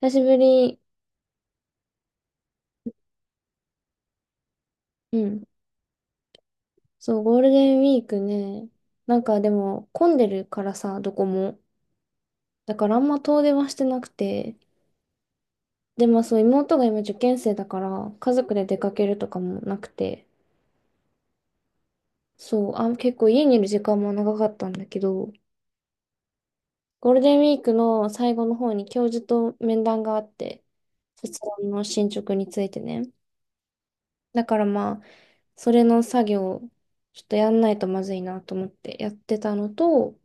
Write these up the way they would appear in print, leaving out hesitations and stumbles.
久しぶり。うん。そう、ゴールデンウィークね。でも混んでるからさ、どこも。だからあんま遠出はしてなくて。で、まあそう、妹が今受験生だから、家族で出かけるとかもなくて。そう、あ、結構家にいる時間も長かったんだけど、ゴールデンウィークの最後の方に教授と面談があって、卒論の進捗についてね。だからまあ、それの作業をちょっとやんないとまずいなと思ってやってたのと、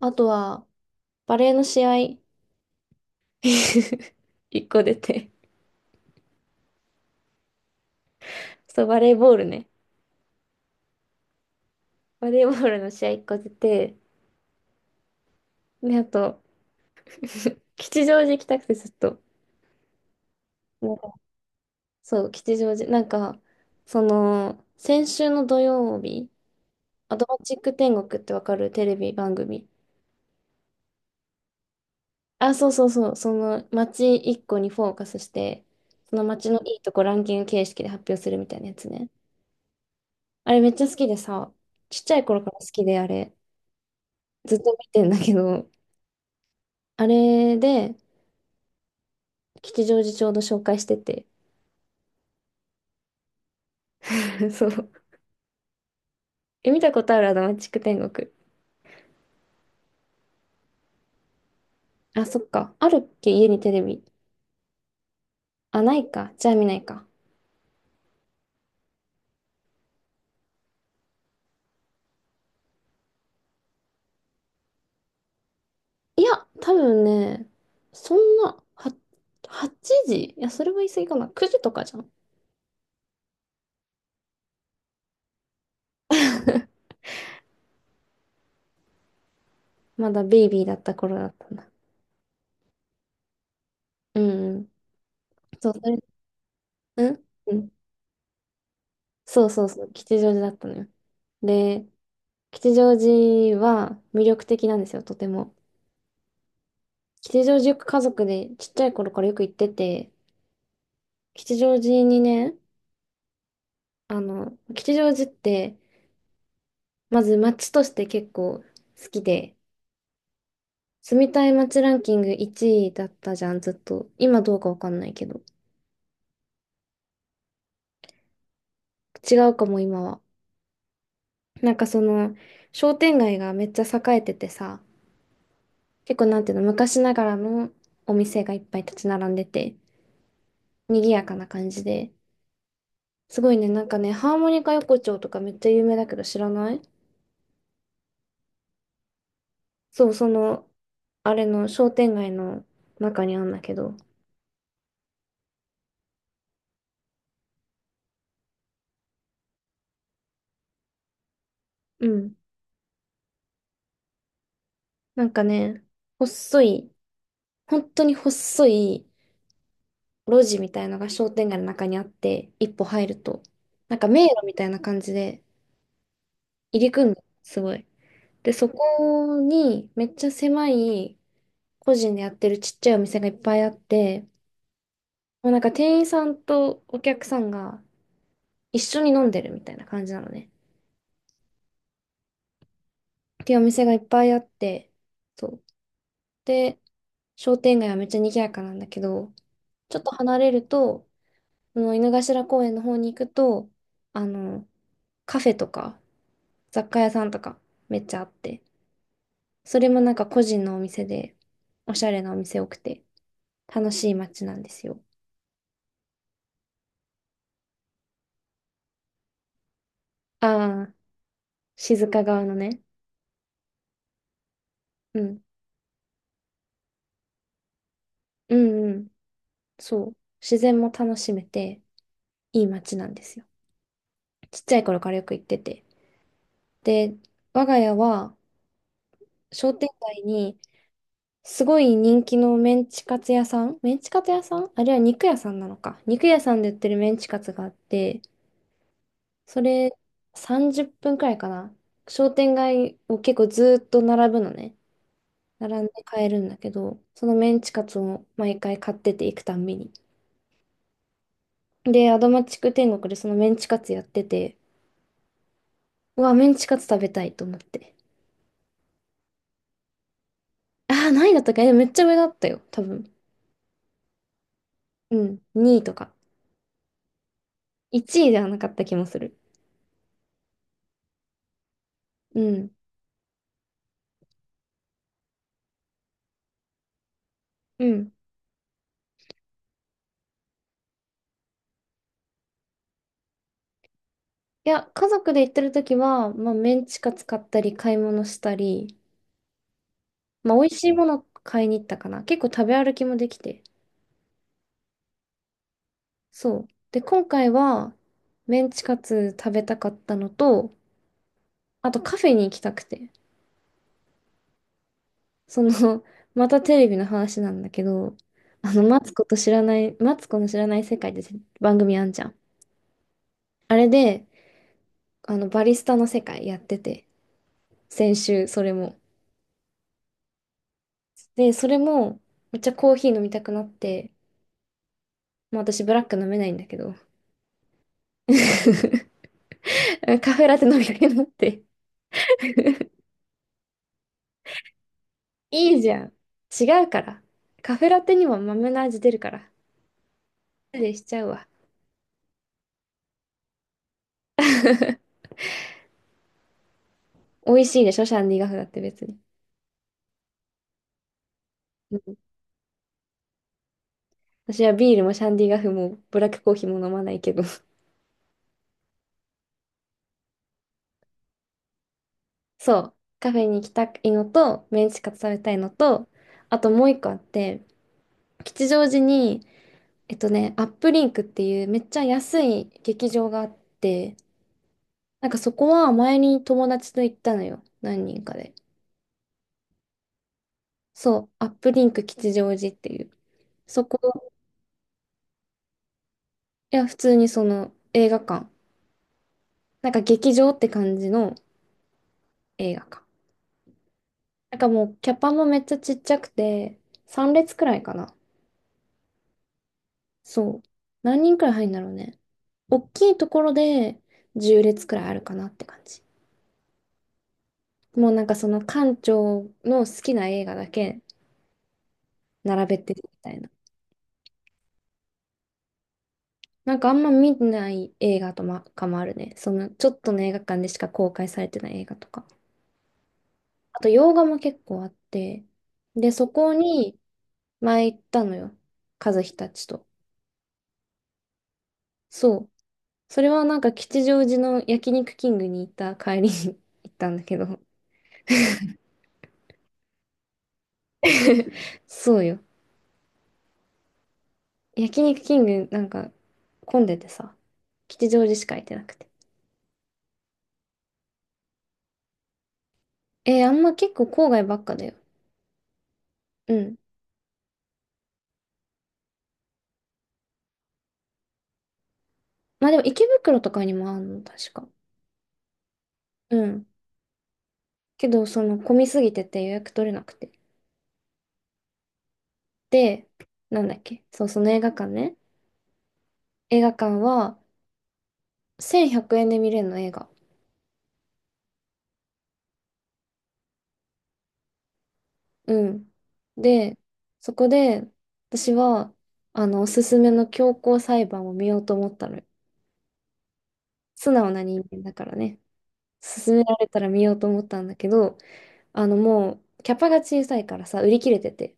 あとは、バレーの試合 一個出て。そう、バレーボールね。バレーボールの試合一個出て、で、あと、吉祥寺行きたくてずっと。なんかそう、吉祥寺。その、先週の土曜日、アドマチック天国ってわかるテレビ番組。あ、そうそうそう。その街一個にフォーカスして、その街のいいとこランキング形式で発表するみたいなやつね。あれめっちゃ好きでさ、ちっちゃい頃から好きであれ、ずっと見てんだけど、あれで、吉祥寺ちょうど紹介してて。そう。え、見たことあるアドマチック天国。あ、そっか。あるっけ家にテレビ。あ、ないか。じゃあ見ないか。いや、多分ね、そんな、は、8時いや、それは言い過ぎかな。9時とかじゃん。まだベイビーだった頃だったな。うんうん。そう、それ、うんうん。そうそうそう。吉祥寺だったのよ。で、吉祥寺は魅力的なんですよ、とても。吉祥寺よく家族でちっちゃい頃からよく行ってて、吉祥寺にね、あの、吉祥寺って、まず街として結構好きで、住みたい街ランキング1位だったじゃん、ずっと。今どうかわかんないけど。違うかも、今は。なんかその、商店街がめっちゃ栄えててさ、結構なんていうの、昔ながらのお店がいっぱい立ち並んでて、賑やかな感じで。すごいね、なんかね、ハーモニカ横丁とかめっちゃ有名だけど知らない。そう、その、あれの商店街の中にあんだけど。うん。なんかね、細い、本当に細い路地みたいのが商店街の中にあって、一歩入ると、なんか迷路みたいな感じで入り組んでる、すごい。で、そこにめっちゃ狭い個人でやってるちっちゃいお店がいっぱいあって、もうなんか店員さんとお客さんが一緒に飲んでるみたいな感じなのね。っていうお店がいっぱいあって、そう。で、商店街はめっちゃ賑やかなんだけど、ちょっと離れると、その井の頭公園の方に行くと、あの、カフェとか雑貨屋さんとかめっちゃあって、それもなんか個人のお店で、おしゃれなお店多くて、楽しい街なんですよ。ああ、静岡側のね。うん。うんうん。そう。自然も楽しめて、いい街なんですよ。ちっちゃい頃からよく行ってて。で、我が家は商店街にすごい人気のメンチカツ屋さん、メンチカツ屋さんあれは肉屋さんなのか。肉屋さんで売ってるメンチカツがあって、それ30分くらいかな。商店街を結構ずーっと並ぶのね。並んで買えるんだけど、そのメンチカツを毎回買ってて行くたんびに。で、アドマチック天国でそのメンチカツやってて、うわ、メンチカツ食べたいと思って。ああ、何位だったっけえめっちゃ上だったよ、多分。うん、2位とか。1位ではなかった気もする。うん。うん。いや、家族で行ってる時は、まあ、メンチカツ買ったり、買い物したり、まあ、美味しいもの買いに行ったかな。結構食べ歩きもできて。そう。で、今回は、メンチカツ食べたかったのと、あとカフェに行きたくて。その、またテレビの話なんだけど、あの、マツコと知らない、マツコの知らない世界って番組あんじゃん。あれで、あの、バリスタの世界やってて、先週、それも。で、それも、めっちゃコーヒー飲みたくなって、まあ私ブラック飲めないんだけど。カフェラテ飲みかけになって。いいじゃん。違うから。カフェラテにも豆の味出るから。でしちゃうわ。美味しいでしょ、シャンディガフだって別に。うん、私はビールもシャンディガフもブラックコーヒーも飲まないけど。そう。カフェに行きたいのと、メンチカツ食べたいのと、あともう一個あって、吉祥寺に、えっとね、アップリンクっていうめっちゃ安い劇場があって、なんかそこは前に友達と行ったのよ。何人かで。そう、アップリンク吉祥寺っていう。そこ、いや、普通にその映画館。なんか劇場って感じの映画館。なんかもうキャパもめっちゃちっちゃくて、3列くらいかな。そう。何人くらい入るんだろうね。大きいところで10列くらいあるかなって感じ。もうなんかその館長の好きな映画だけ並べてるみたいな。なんかあんま見ない映画とまかもあるね。そのちょっとの映画館でしか公開されてない映画とか。あと洋画も結構あって。で、そこに前行ったのよ。和樹たちと。そう。それはなんか吉祥寺の焼肉キングに行った帰りに 行ったんだけど。そうよ。焼肉キングなんか混んでてさ。吉祥寺しか行ってなくて。えーあんま結構郊外ばっかだよ。うん。まあでも池袋とかにもあるの、確か。うん。けど、その、混みすぎてて予約取れなくて。で、なんだっけそう、その映画館ね。映画館は、1100円で見れるの、映画。うん。で、そこで、私は、あの、おすすめの強行裁判を見ようと思ったのよ。素直な人間だからね。勧められたら見ようと思ったんだけど、あの、もう、キャパが小さいからさ、売り切れてて、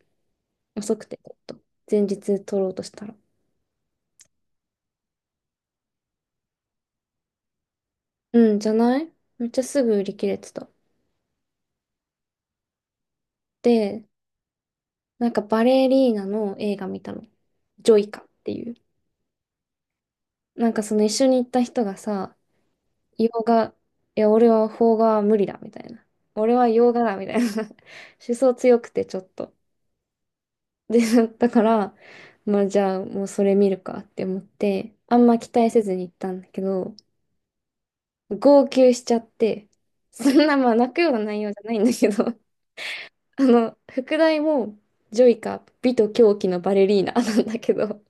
遅くて、ちょっと。前日取ろうとしたら。うん、じゃないめっちゃすぐ売り切れてた。で、なんかバレリーナの映画見たの。ジョイカっていう。なんかその一緒に行った人がさ、洋画、いや、俺は邦画は無理だみたいな。俺は洋画だみたいな。思想強くてちょっと。で、だから、まあじゃあもうそれ見るかって思って、あんま期待せずに行ったんだけど、号泣しちゃって、そんなまあ泣くような内容じゃないんだけど、あの、副題も、ジョイカ、美と狂気のバレリーナなんだけど、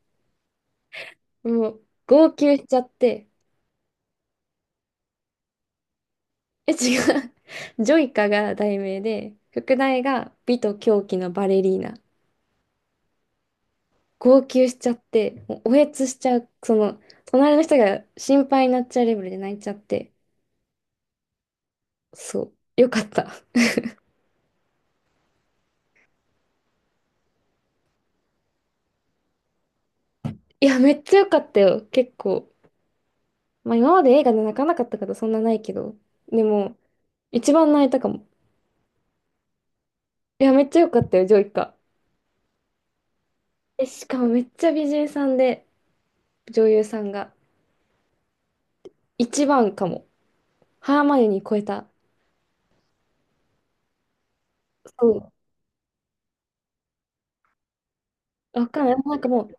もう、号泣しちゃって、え、違う。ジョイカが題名で、副題が美と狂気のバレリーナ。号泣しちゃって、もうおえつしちゃう、その、隣の人が心配になっちゃうレベルで泣いちゃって、そう、よかった。いや、めっちゃよかったよ、結構。まあ、今まで映画で泣かなかったことそんなないけど、でも、一番泣いたかも。いや、めっちゃよかったよ、ジョイカ。え、しかもめっちゃ美人さんで、女優さんが。一番かも。ハーマイオニー超えた。そう。わかんない。なんかもう、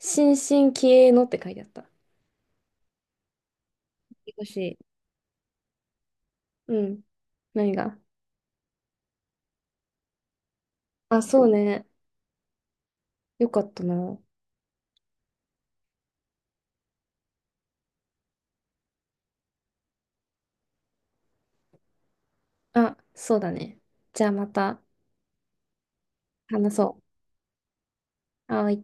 新進気鋭のって書いてあった。少し。うん。何が。あ、そうね。よかったな。あ、そうだね。じゃあまた話そう。はーい。